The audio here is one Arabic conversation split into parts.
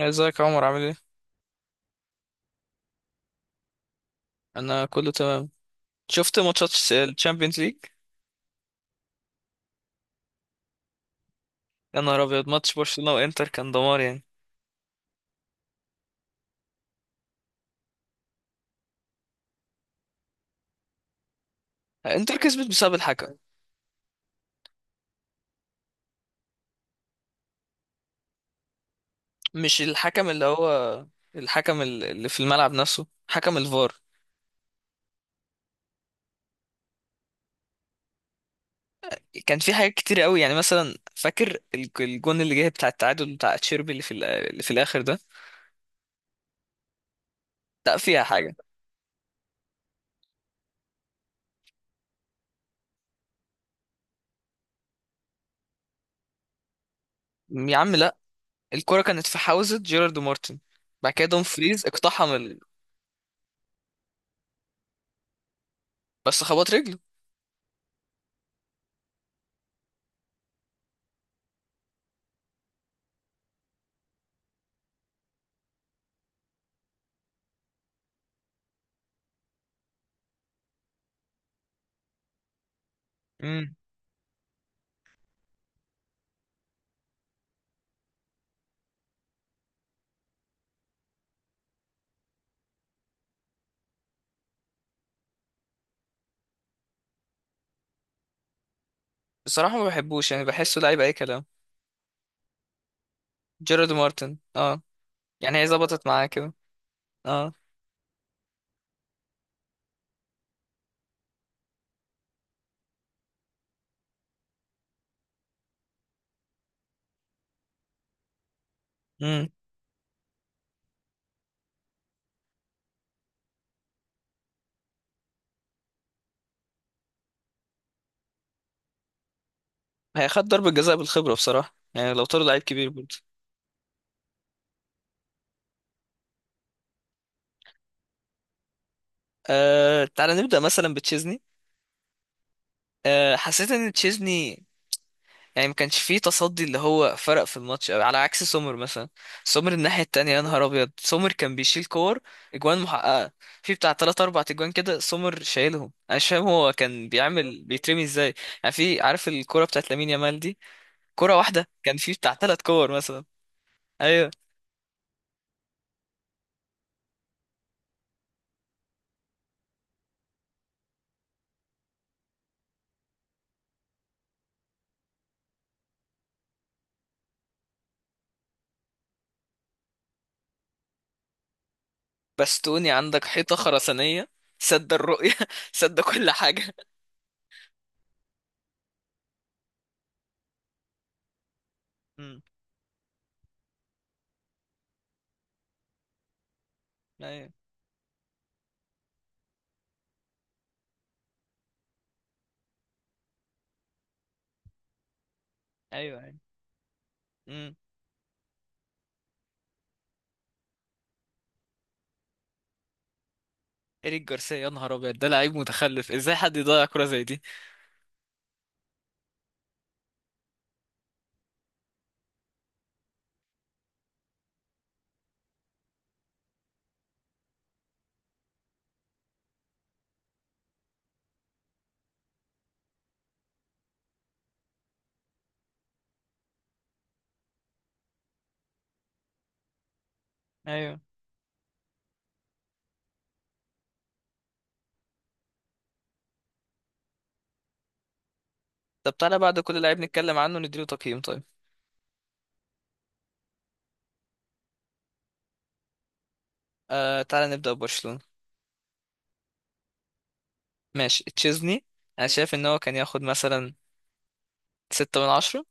ازيك يا عمر، عامل ايه؟ انا كله تمام. شفت ماتشات؟ الشامبيونز ليج. يا نهار ابيض، ماتش برشلونة وانتر كان دمار يعني. انتر كسبت بسبب الحكم. مش الحكم اللي هو الحكم اللي في الملعب نفسه، حكم الفار. كان في حاجات كتير قوي، يعني مثلا فاكر الجون اللي جه بتاع التعادل بتاع تشيربي اللي في اللي في الاخر ده. لا، فيها حاجة. يا عم لا. الكرة كانت في حوزة جيرارد مارتن. بعد كده دومفريز اقتحم. بس خبط رجله. امم. بصراحة ما بحبوش، يعني بحسه لعيب اي كلام. جيرارد مارتن، اه. يعني هي ظبطت معاه كده. اه. امم. هي خد ضربة جزاء بالخبرة بصراحة، يعني لو طار لعيب كبير برضه. آه، تعالى نبدأ مثلا بتشيزني. آه، حسيت ان تشيزني يعني ما كانش فيه تصدي اللي هو فرق في الماتش قوي، على عكس سومر مثلا. سومر الناحية التانية يا نهار ابيض، سومر كان بيشيل كور. اجوان محققة. في بتاع تلات اربع اجوان كده سومر شايلهم، انا مش فاهم هو كان بيعمل بيترمي ازاي. يعني في، عارف الكرة بتاعت لامين يامال دي، كرة واحدة كان في بتاع تلات كور مثلا. ايوه. بستوني، عندك حيطة خرسانية. سد الرؤية سد كل حاجة. امم. ايوه، ايوه. ايوه. امم. إيريك جارسيا، يا نهار أبيض، ده لعيب متخلف، ازاي حد يضيع كرة زي دي. ايوه. طب تعالى بعد كل لعيب نتكلم عنه نديله تقييم، طيب. آه، تعالى نبدأ ببرشلونة. ماشي، تشيزني. أنا شايف إن هو كان ياخد مثلا ستة من عشرة.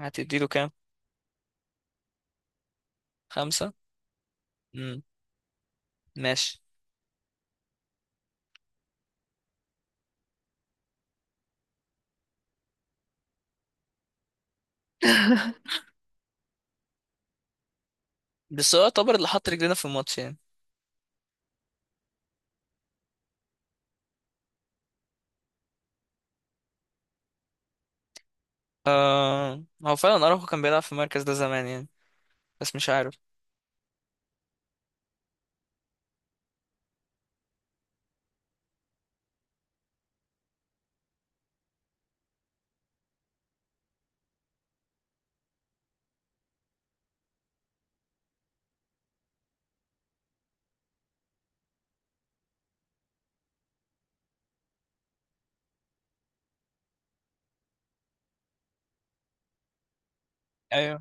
هتديله كام؟ خمسة. امم. ماشي. بس هو يعتبر اللي حط رجلنا في الماتش يعني. آه، هو فعلا أراوخو كان بيلعب في المركز ده زمان يعني، بس مش عارف. ايوه،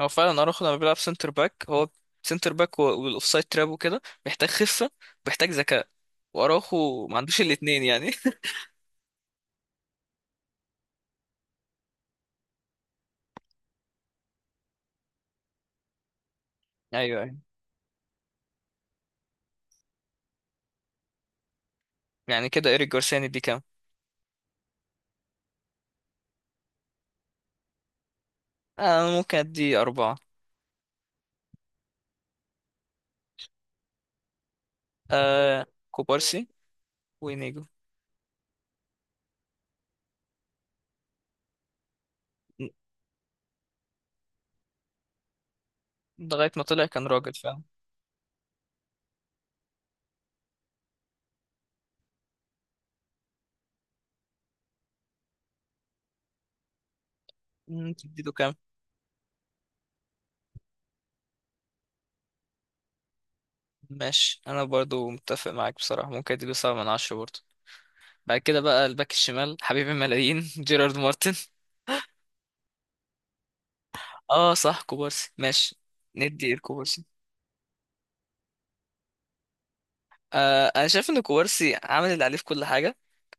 هو فعلا اراخو لما بيلعب سنتر باك، هو سنتر باك والاوفسايد تراب وكده، محتاج خفه ومحتاج ذكاء، واراخو ما عندوش الاثنين يعني ايوه، ايوه. يعني كده ايريك جارسيا ندي كام؟ آه، انا ممكن ادي اربعه. آه، كوبارسي. وينيجو. م- لغايه ما طلع كان راجل فعلا. تديله كام؟ ماشي، انا برضو متفق معاك بصراحه، ممكن اديله سبعة من عشرة برضو. بعد كده بقى الباك الشمال، حبيب الملايين جيرارد مارتن. اه صح، كوبارسي ماشي. ندي الكوبارسي. آه، انا شايف ان كوبارسي عامل اللي عليه في كل حاجه.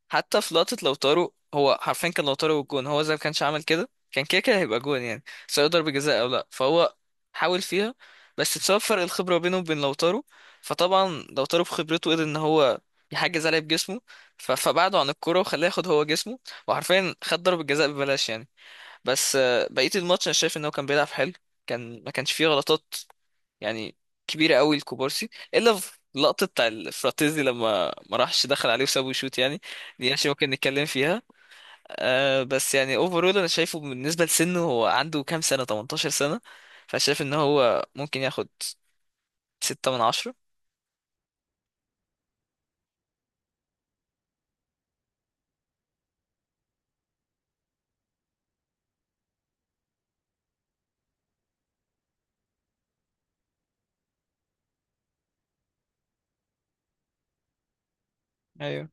حتى في لقطه لوتارو، هو حرفيا كان لوتارو والجون، هو زي ما كانش عمل كده كان كده كده هيبقى جون، يعني سواء ضربه جزاء او لا، فهو حاول فيها، بس بسبب فرق الخبره بينه وبين لوتارو، فطبعا لوتارو بخبرته قدر ان هو يحجز عليه بجسمه، فبعده عن الكرة وخلاه ياخد هو جسمه، وحرفيا خد ضربة جزاء ببلاش يعني. بس بقية الماتش انا شايف ان هو كان بيلعب حلو، كان ما كانش فيه غلطات يعني كبيرة قوي الكوبارسي، الا في لقطة بتاع الفراتيزي لما ما راحش دخل عليه وسابه يشوت يعني، دي عشان ممكن نتكلم فيها. آه، بس يعني اوفرول انا شايفه بالنسبة لسنه، هو عنده كام سنة، 18 سنة؟ فشايف ان هو ممكن ياخد 6 من 10. ايوه،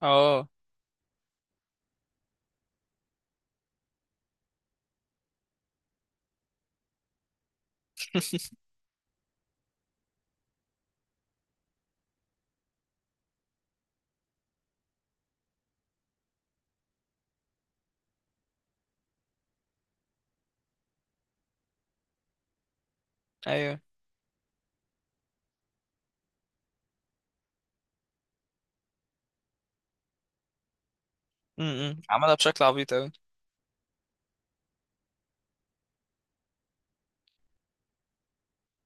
اه، ايوه. امم، عملها بشكل عبيط قوي.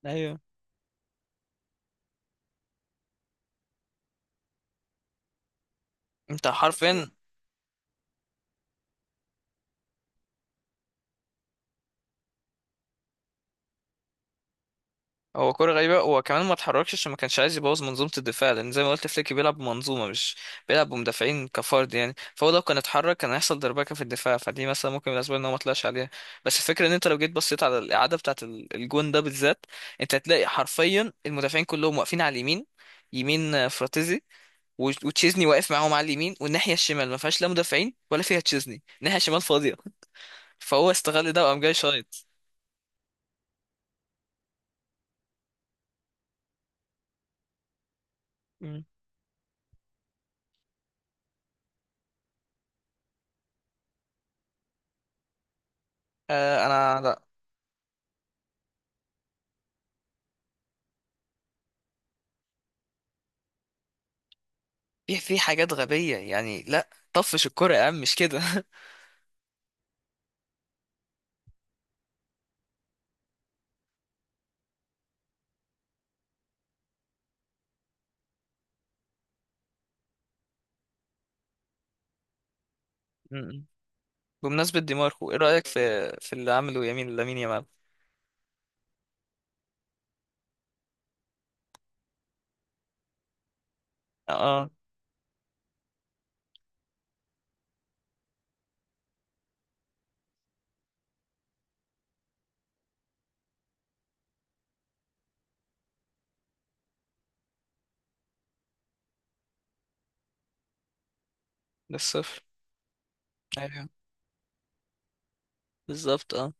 ايوه، انت حرفيا. هو كرة غريبة، هو كمان ما اتحركش عشان ما كانش عايز يبوظ منظومة الدفاع، لأن زي ما قلت فليك بيلعب بمنظومة مش بيلعب بمدافعين كفرد يعني، فهو لو كان اتحرك كان هيحصل دربكة في الدفاع، فدي مثلا ممكن من الأسباب إن هو ما طلعش عليها. بس الفكرة، إن أنت لو جيت بصيت على الإعادة بتاعة الجون ده بالذات، أنت هتلاقي حرفيا المدافعين كلهم واقفين على اليمين، يمين آه، فراتيزي، وتشيزني واقف معاهم على اليمين، والناحية الشمال ما فيهاش لا مدافعين ولا فيها تشيزني، الناحية الشمال فاضية، فهو استغل ده وقام جاي شايط. مم. آه، أنا، في حاجات غبية يعني، لا طفش الكرة يا عم، مش كده م-م. بمناسبة دي ماركو، ايه رأيك في اللي عمله يمين لامين يامال؟ اه. للصفر. ايوه، بالظبط، اه.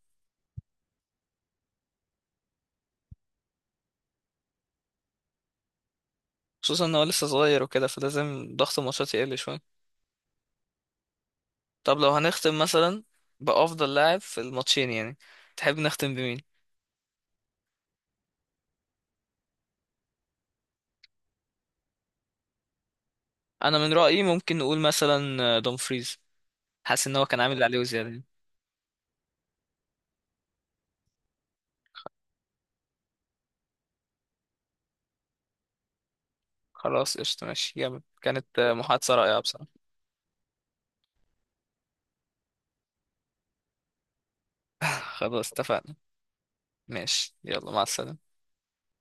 خصوصا ان هو لسه صغير وكده، فلازم ضغط الماتشات يقل شوية. طب لو هنختم مثلا بأفضل لاعب في الماتشين يعني، تحب نختم بمين؟ انا من رأيي ممكن نقول مثلا دومفريز، حاسس ان هو كان عامل اللي عليه وزيادة يعني. خلاص، قشطة، ماشي، جامد، كانت محادثة رائعة بصراحة. خلاص، اتفقنا. ماشي، يلا مع السلامة.